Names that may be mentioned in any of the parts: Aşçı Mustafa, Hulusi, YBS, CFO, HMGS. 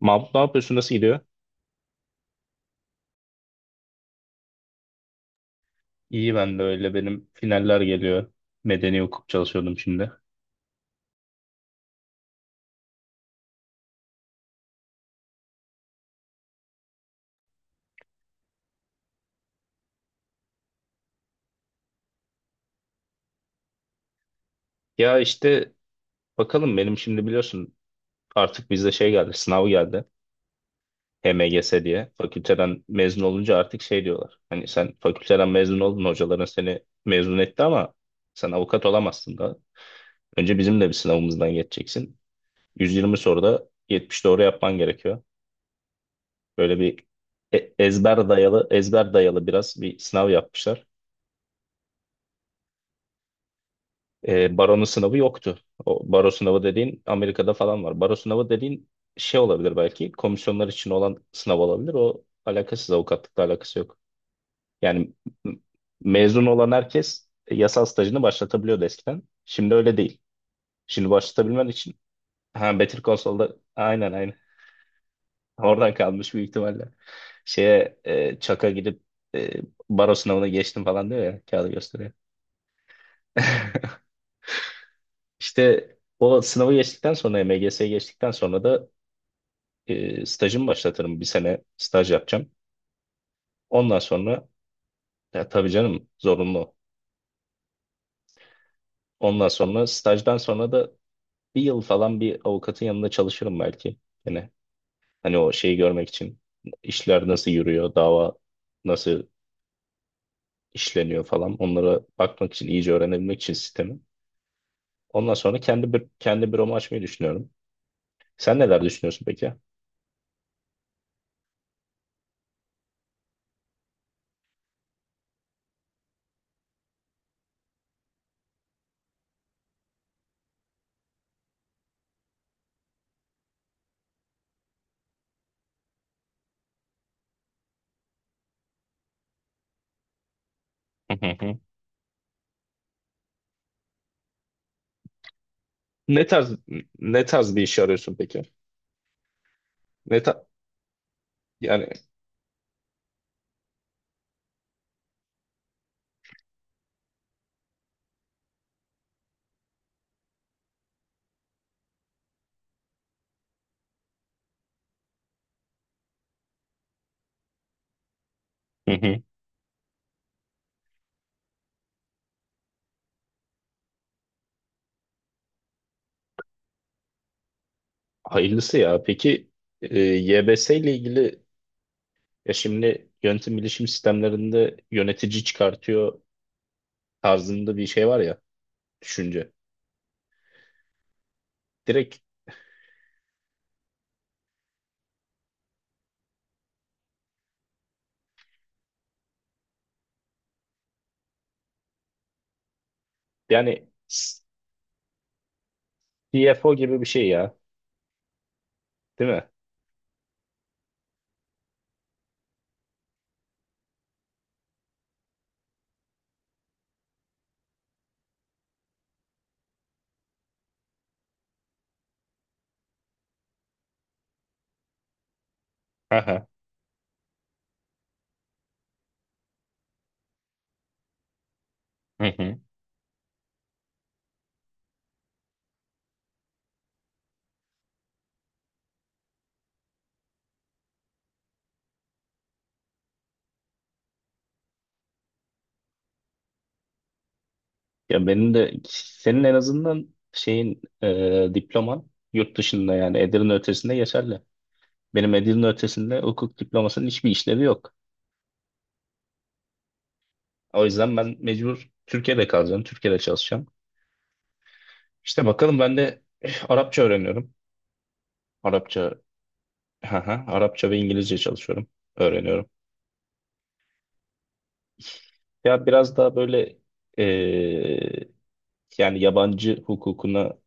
Mahmut, ne yapıyorsun? Nasıl gidiyor? İyi, ben de öyle. Benim finaller geliyor. Medeni hukuk çalışıyordum şimdi. Ya işte bakalım, benim şimdi biliyorsun artık bizde şey geldi. Sınav geldi. HMGS diye. Fakülteden mezun olunca artık şey diyorlar. Hani sen fakülteden mezun oldun. Hocaların seni mezun etti ama sen avukat olamazsın da. Önce bizim de bir sınavımızdan geçeceksin. 120 soruda 70 doğru yapman gerekiyor. Böyle bir ezber dayalı ezber dayalı biraz bir sınav yapmışlar. Baronun sınavı yoktu. O baro sınavı dediğin Amerika'da falan var. Baro sınavı dediğin şey olabilir belki. Komisyonlar için olan sınav olabilir. O alakasız, avukatlıkla alakası yok. Yani m- mezun olan herkes yasal stajını başlatabiliyordu eskiden. Şimdi öyle değil. Şimdi başlatabilmen için ha, Better Call Saul'da aynen, aynen. Oradan kalmış büyük ihtimalle. Şeye çaka gidip e, baro sınavına geçtim falan diyor ya, kağıdı gösteriyor. İşte o sınavı geçtikten sonra, MGS'ye geçtikten sonra da stajımı başlatırım. Bir sene staj yapacağım. Ondan sonra ya tabii canım, zorunlu. Ondan sonra, stajdan sonra da bir yıl falan bir avukatın yanında çalışırım belki. Yine hani o şeyi görmek için, işler nasıl yürüyor, dava nasıl işleniyor falan, onlara bakmak için, iyice öğrenebilmek için sistemi. Ondan sonra kendi bir, kendi büromu açmayı düşünüyorum. Sen neler düşünüyorsun peki? Hı hı hı. Ne tarz ne tarz bir iş arıyorsun peki? Ne ta yani. Hayırlısı ya. Peki YBS ile ilgili, ya şimdi yönetim bilişim sistemlerinde yönetici çıkartıyor tarzında bir şey var ya, düşünce. Direkt yani CFO gibi bir şey ya, değil mi? Aha. Hı hı. Ya benim de senin en azından şeyin diploman yurt dışında yani Edirne ötesinde geçerli. Benim Edirne ötesinde hukuk diplomasının hiçbir işlevi yok. O yüzden ben mecbur Türkiye'de kalacağım, Türkiye'de çalışacağım. İşte bakalım, ben de Arapça öğreniyorum. Arapça, haha, Arapça ve İngilizce çalışıyorum, öğreniyorum. Ya biraz daha böyle eee, yani yabancı hukukuna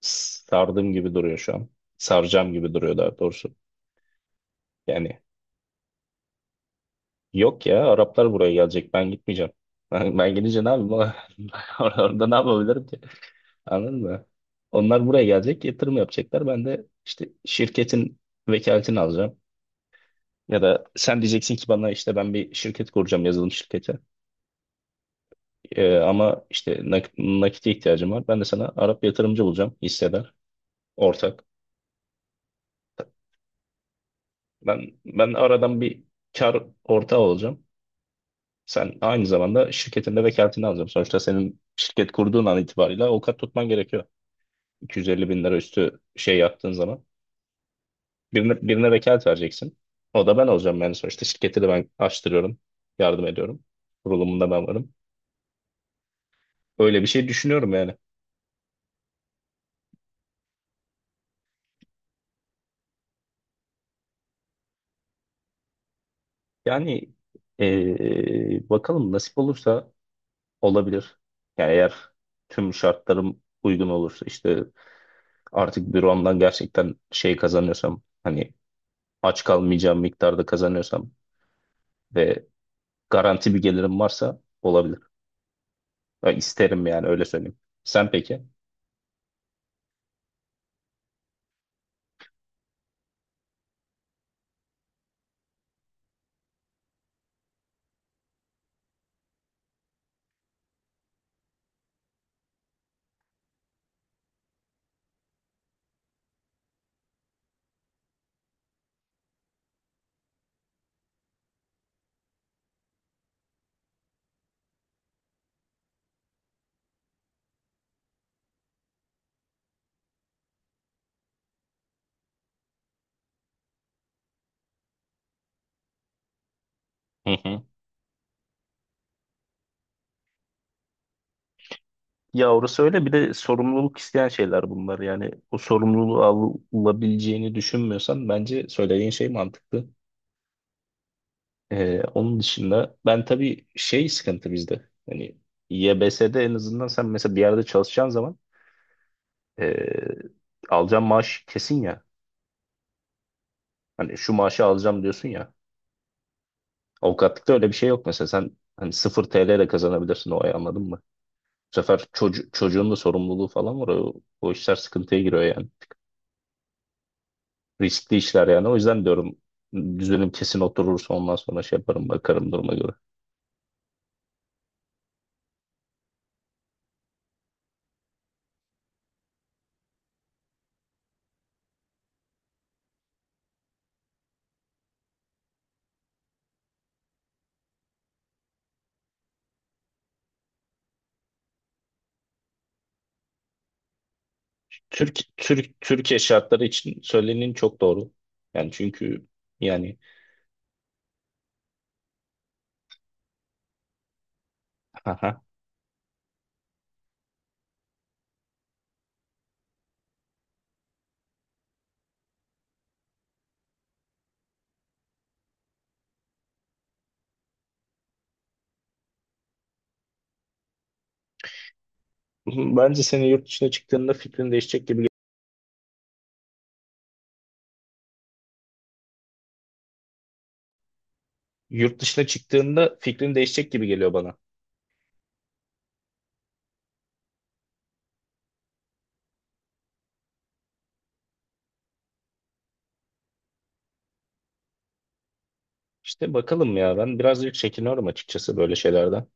sardığım gibi duruyor şu an. Saracağım gibi duruyor daha doğrusu. Yani yok ya, Araplar buraya gelecek, ben gitmeyeceğim. Ben gidince ne yapayım? Orada ne yapabilirim ki? Anladın mı? Onlar buraya gelecek, yatırım yapacaklar. Ben de işte şirketin vekaletini alacağım. Ya da sen diyeceksin ki bana, işte ben bir şirket kuracağım, yazılım şirketi. Ama işte nakite ihtiyacım var. Ben de sana Arap yatırımcı bulacağım. Hissedar, ortak. Ben aradan bir kar ortağı olacağım. Sen aynı zamanda şirketinde vekaletini alacağım. Sonuçta senin şirket kurduğun an itibariyle avukat tutman gerekiyor. 250 bin lira üstü şey yaptığın zaman. Birine vekalet vereceksin. O da ben olacağım yani, sonuçta şirketi de ben açtırıyorum. Yardım ediyorum. Kurulumunda ben varım. Öyle bir şey düşünüyorum yani. Yani bakalım, nasip olursa olabilir. Yani eğer tüm şartlarım uygun olursa, işte artık büromdan gerçekten şey kazanıyorsam, hani aç kalmayacağım miktarda kazanıyorsam ve garanti bir gelirim varsa olabilir. Ya isterim yani, öyle söyleyeyim. Sen peki? Hı hı. Ya orası öyle, bir de sorumluluk isteyen şeyler bunlar yani. O sorumluluğu alabileceğini düşünmüyorsan bence söylediğin şey mantıklı. Onun dışında ben tabii şey sıkıntı bizde. Hani YBS'de en azından sen mesela bir yerde çalışacağın zaman ee, alacağın maaş kesin ya. Hani şu maaşı alacağım diyorsun ya. Avukatlıkta öyle bir şey yok mesela. Sen hani sıfır TL de kazanabilirsin o ay, anladın mı? Bu sefer çocuğun da sorumluluğu falan var. O, o işler sıkıntıya giriyor yani. Riskli işler yani. O yüzden diyorum, düzenim kesin oturursa ondan sonra şey yaparım, bakarım duruma göre. Türkiye şartları için söylenin çok doğru. Yani çünkü yani aha. Bence senin yurt dışına çıktığında fikrin değişecek gibi, yurt dışına çıktığında fikrin değişecek gibi geliyor bana. İşte bakalım ya, ben birazcık çekiniyorum açıkçası böyle şeylerden.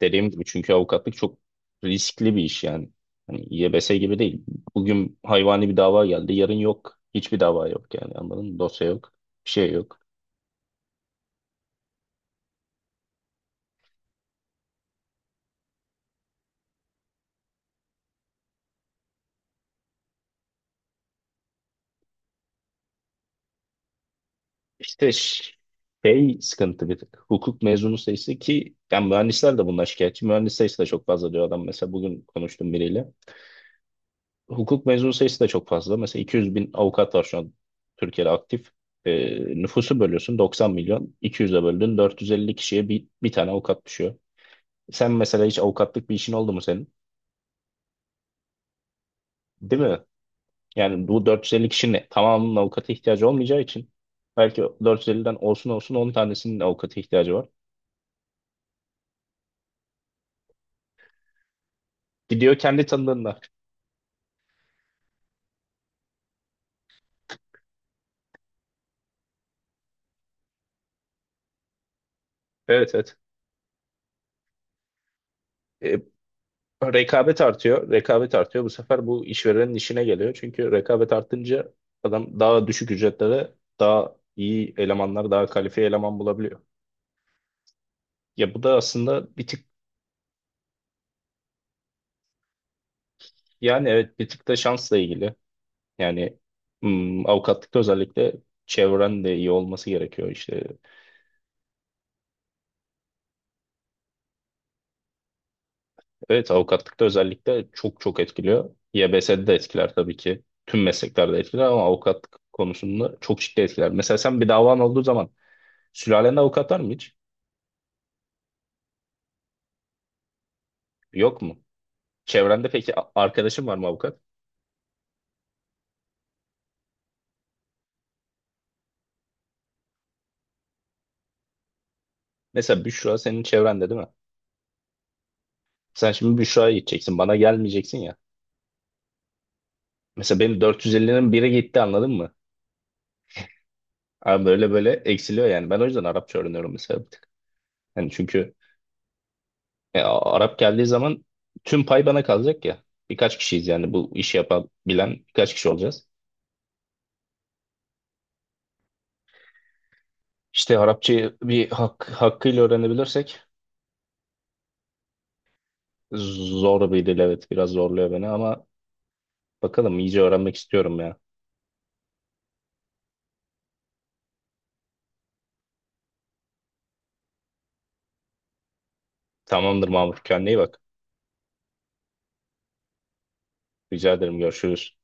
Dediğim gibi çünkü avukatlık çok riskli bir iş yani. Hani YBS gibi değil. Bugün hayvani bir dava geldi, yarın yok. Hiçbir dava yok yani, anladın mı? Dosya yok, bir şey yok. İşte şey sıkıntı bir tık. Hukuk mezunu sayısı ki, yani mühendisler de bundan şikayetçi. Mühendis sayısı da çok fazla diyor adam. Mesela bugün konuştum biriyle. Hukuk mezunu sayısı da çok fazla. Mesela 200 bin avukat var şu an Türkiye'de aktif. Ee, Nüfusu bölüyorsun 90 milyon. 200'e böldün, 450 kişiye bir tane avukat düşüyor. Sen mesela hiç avukatlık bir işin oldu mu senin? Değil mi? Yani bu 450 kişinin tamamının avukata ihtiyacı olmayacağı için belki 450'den olsun olsun 10 tanesinin avukata ihtiyacı var. Gidiyor kendi tanıdığında. Evet, evet. E, Rekabet artıyor. Rekabet artıyor. Bu sefer bu işverenin işine geliyor. Çünkü rekabet artınca adam daha düşük ücretlere daha iyi elemanlar, daha kalifiye eleman bulabiliyor. Ya bu da aslında bir tık, yani evet, bir tık da şansla ilgili. Yani avukatlıkta özellikle çevren de iyi olması gerekiyor işte. Evet, avukatlıkta özellikle çok çok etkiliyor. YBS'de de etkiler tabii ki. Tüm mesleklerde etkiler ama avukatlık konusunda çok ciddi etkiler. Mesela sen bir davan olduğu zaman, sülalen avukat var mı hiç? Yok mu? Çevrende peki arkadaşın var mı avukat? Mesela Büşra senin çevrende değil mi? Sen şimdi Büşra'ya gideceksin. Bana gelmeyeceksin ya. Mesela benim 450'nin biri gitti, anladın mı? Abi böyle böyle eksiliyor yani. Ben o yüzden Arapça öğreniyorum mesela bir tık. Yani çünkü Arap geldiği zaman tüm pay bana kalacak ya. Birkaç kişiyiz yani, bu işi yapabilen birkaç kişi olacağız. İşte Arapçayı bir hakkıyla öğrenebilirsek zor bir dil, evet, biraz zorluyor beni ama bakalım, iyice öğrenmek istiyorum yani. Tamamdır Mahmut. Kendine iyi bak. Rica ederim. Görüşürüz.